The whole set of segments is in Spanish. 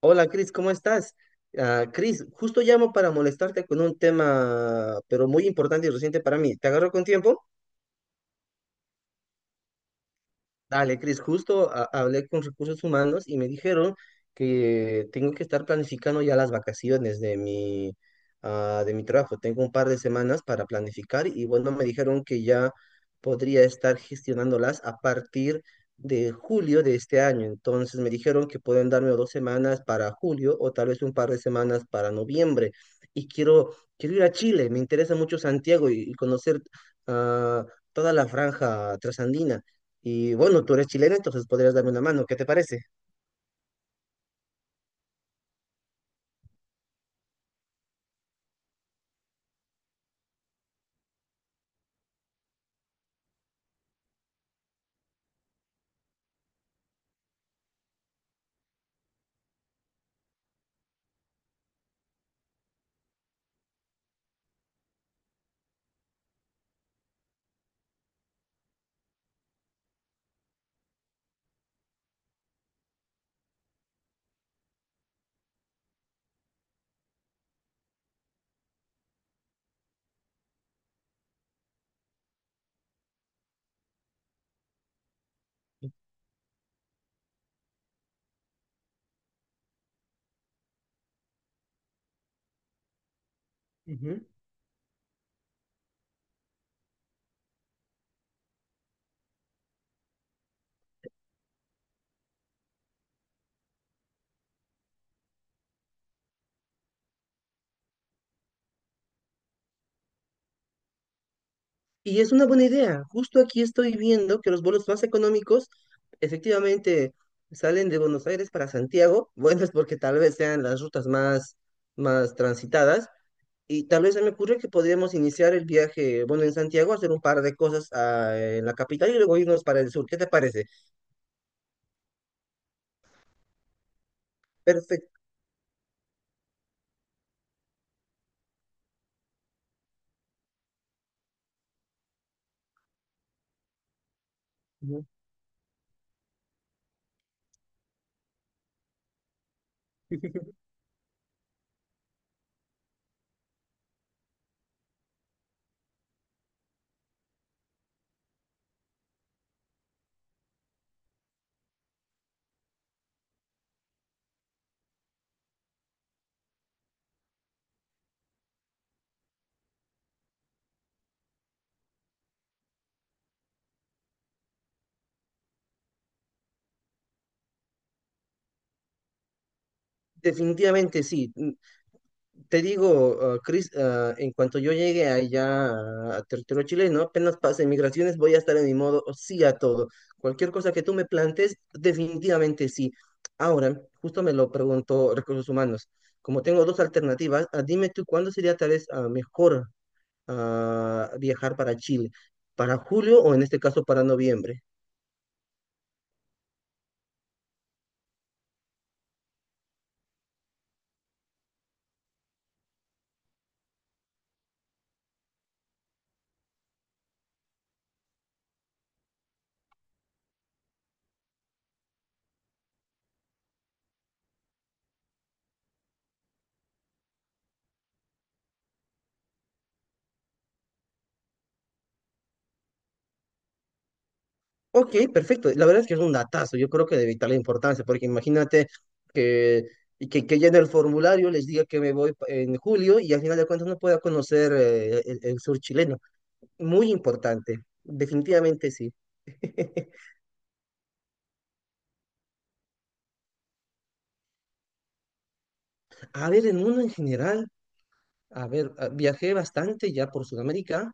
Hola Cris, ¿cómo estás? Ah, Cris, justo llamo para molestarte con un tema, pero muy importante y reciente para mí. ¿Te agarro con tiempo? Dale, Cris, justo hablé con recursos humanos y me dijeron que tengo que estar planificando ya las vacaciones de mi trabajo. Tengo un par de semanas para planificar y bueno, me dijeron que ya podría estar gestionándolas a partir de julio de este año. Entonces me dijeron que pueden darme 2 semanas para julio o tal vez un par de semanas para noviembre. Y quiero ir a Chile, me interesa mucho Santiago y conocer ah, toda la franja trasandina. Y bueno, tú eres chileno, entonces podrías darme una mano. ¿Qué te parece? Ujú. Y es una buena idea. Justo aquí estoy viendo que los vuelos más económicos efectivamente salen de Buenos Aires para Santiago. Bueno, es porque tal vez sean las rutas más transitadas. Y tal vez se me ocurre que podríamos iniciar el viaje, bueno, en Santiago, hacer un par de cosas en la capital y luego irnos para el sur. ¿Qué te parece? Perfecto. Definitivamente sí. Te digo, Chris, en cuanto yo llegue allá a territorio chileno, apenas pase migraciones, voy a estar en mi modo sí a todo. Cualquier cosa que tú me plantes, definitivamente sí. Ahora, justo me lo preguntó Recursos Humanos. Como tengo dos alternativas, dime tú cuándo sería tal vez mejor a viajar para Chile. ¿Para julio o en este caso para noviembre? Ok, perfecto. La verdad es que es un datazo. Yo creo que de vital importancia, porque imagínate que, que ya en el formulario les diga que me voy en julio y al final de cuentas no pueda conocer el sur chileno. Muy importante. Definitivamente sí. A ver, el mundo en general, a ver, viajé bastante ya por Sudamérica.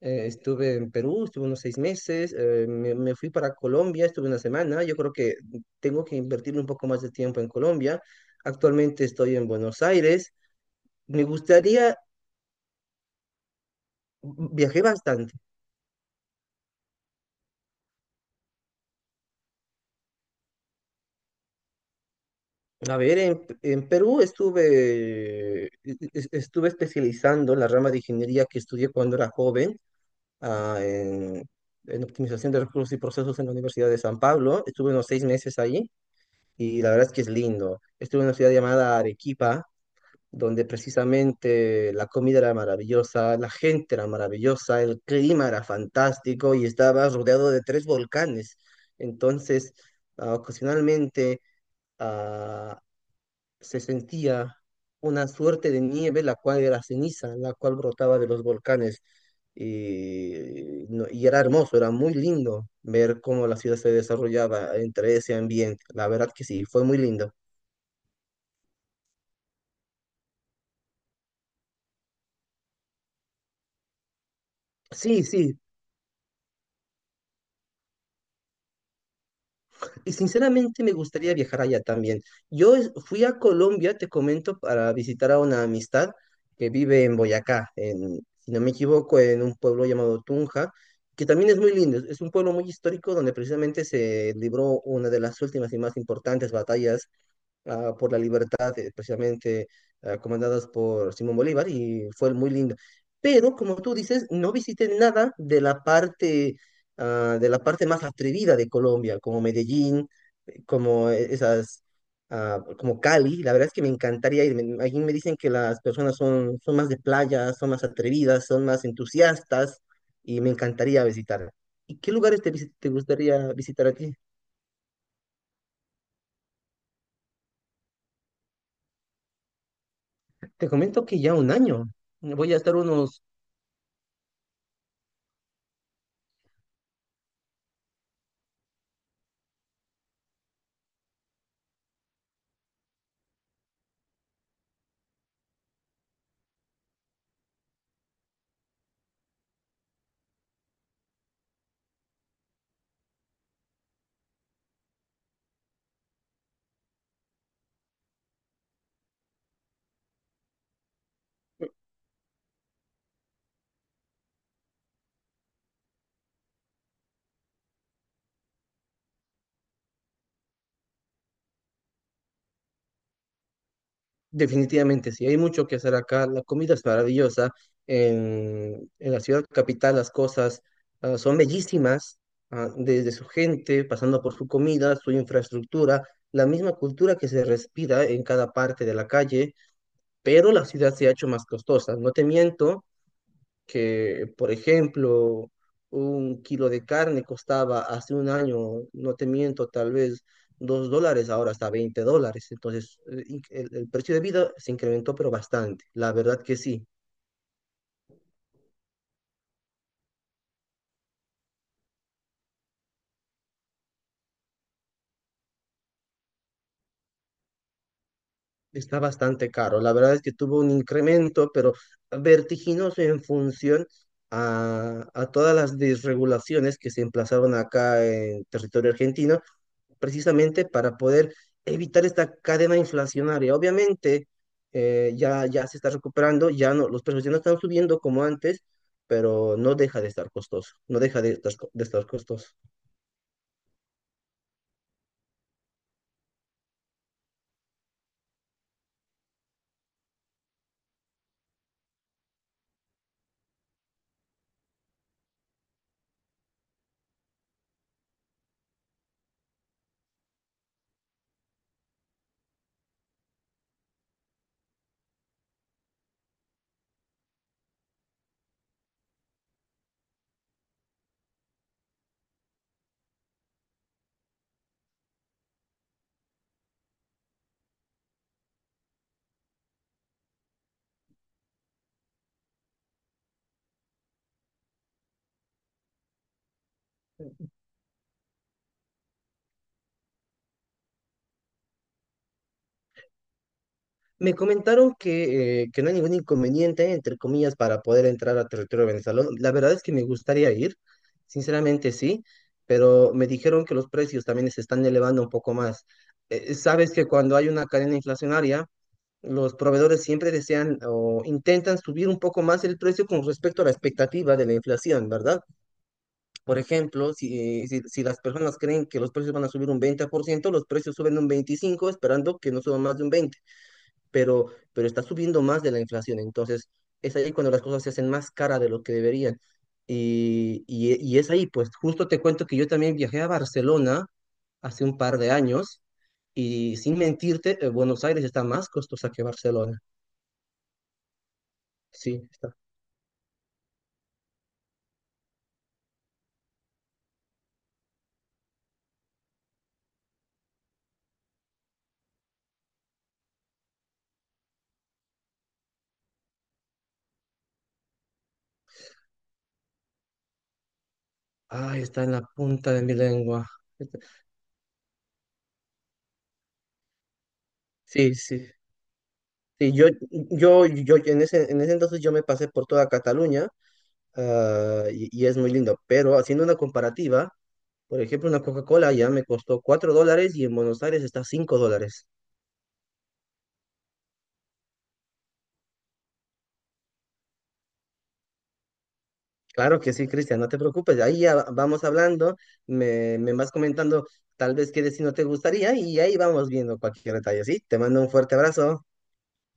Estuve en Perú, estuve unos 6 meses. Me fui para Colombia, estuve una semana. Yo creo que tengo que invertir un poco más de tiempo en Colombia. Actualmente estoy en Buenos Aires, me gustaría. Viajé bastante. A ver, en Perú estuve, estuve especializando la rama de ingeniería que estudié cuando era joven, ah, en, en optimización de recursos y procesos en la Universidad de San Pablo. Estuve unos seis meses allí y la verdad es que es lindo. Estuve en una ciudad llamada Arequipa, donde precisamente la comida era maravillosa, la gente era maravillosa, el clima era fantástico y estaba rodeado de tres volcanes. Entonces, ocasionalmente... ah, se sentía una suerte de nieve, la cual era ceniza, la cual brotaba de los volcanes. Y, no- y era hermoso, era muy lindo ver cómo la ciudad se desarrollaba entre ese ambiente. La verdad que sí, fue muy lindo. Sí, sí, y sinceramente me gustaría viajar allá también. Yo fui a Colombia, te comento, para visitar a una amistad que vive en Boyacá, en, si no me equivoco, en un pueblo llamado Tunja, que también es muy lindo. Es un pueblo muy histórico donde precisamente se libró una de las últimas y más importantes batallas por la libertad, precisamente comandadas por Simón Bolívar, y fue muy lindo. Pero, como tú dices, no visité nada de la parte más atrevida de Colombia, como Medellín, como esas, como Cali. La verdad es que me encantaría ir. Allí me dicen que las personas son más de playa, son más atrevidas, son más entusiastas, y me encantaría visitar. ¿Y qué lugares te gustaría visitar a ti? Te comento que ya un año. Voy a estar unos. Definitivamente, sí, hay mucho que hacer acá. La comida es maravillosa. En la ciudad capital las cosas son bellísimas, desde su gente, pasando por su comida, su infraestructura, la misma cultura que se respira en cada parte de la calle, pero la ciudad se ha hecho más costosa. No te miento, que, por ejemplo, un kilo de carne costaba hace un año, no te miento, tal vez $2, ahora está $20. Entonces, el precio de vida se incrementó, pero bastante. La verdad que sí, está bastante caro. La verdad es que tuvo un incremento, pero vertiginoso en función a todas las desregulaciones que se emplazaron acá en territorio argentino precisamente para poder evitar esta cadena inflacionaria. Obviamente, ya se está recuperando, ya no, los precios ya no están subiendo como antes, pero no deja de estar costoso, no deja de estar, de estar costoso. Me comentaron que no hay ningún inconveniente, entre comillas, para poder entrar a territorio venezolano. La verdad es que me gustaría ir, sinceramente sí, pero me dijeron que los precios también se están elevando un poco más. Sabes que cuando hay una cadena inflacionaria, los proveedores siempre desean o intentan subir un poco más el precio con respecto a la expectativa de la inflación, ¿verdad? Por ejemplo, si las personas creen que los precios van a subir un 20%, los precios suben un 25%, esperando que no suban más de un 20%, pero, pero está subiendo más de la inflación. Entonces, es ahí cuando las cosas se hacen más cara de lo que deberían. Y es ahí, pues justo te cuento que yo también viajé a Barcelona hace un par de años y sin mentirte, Buenos Aires está más costosa que Barcelona. Sí, está. Ah, está en la punta de mi lengua. Este- Sí, sí. Sí, yo en ese entonces yo me pasé por toda Cataluña, y es muy lindo. Pero haciendo una comparativa, por ejemplo, una Coca-Cola ya me costó $4 y en Buenos Aires está $5. Claro que sí, Cristian, no te preocupes. Ahí ya vamos hablando, me vas comentando tal vez qué destino te gustaría y ahí vamos viendo cualquier detalle, ¿sí? Te mando un fuerte abrazo.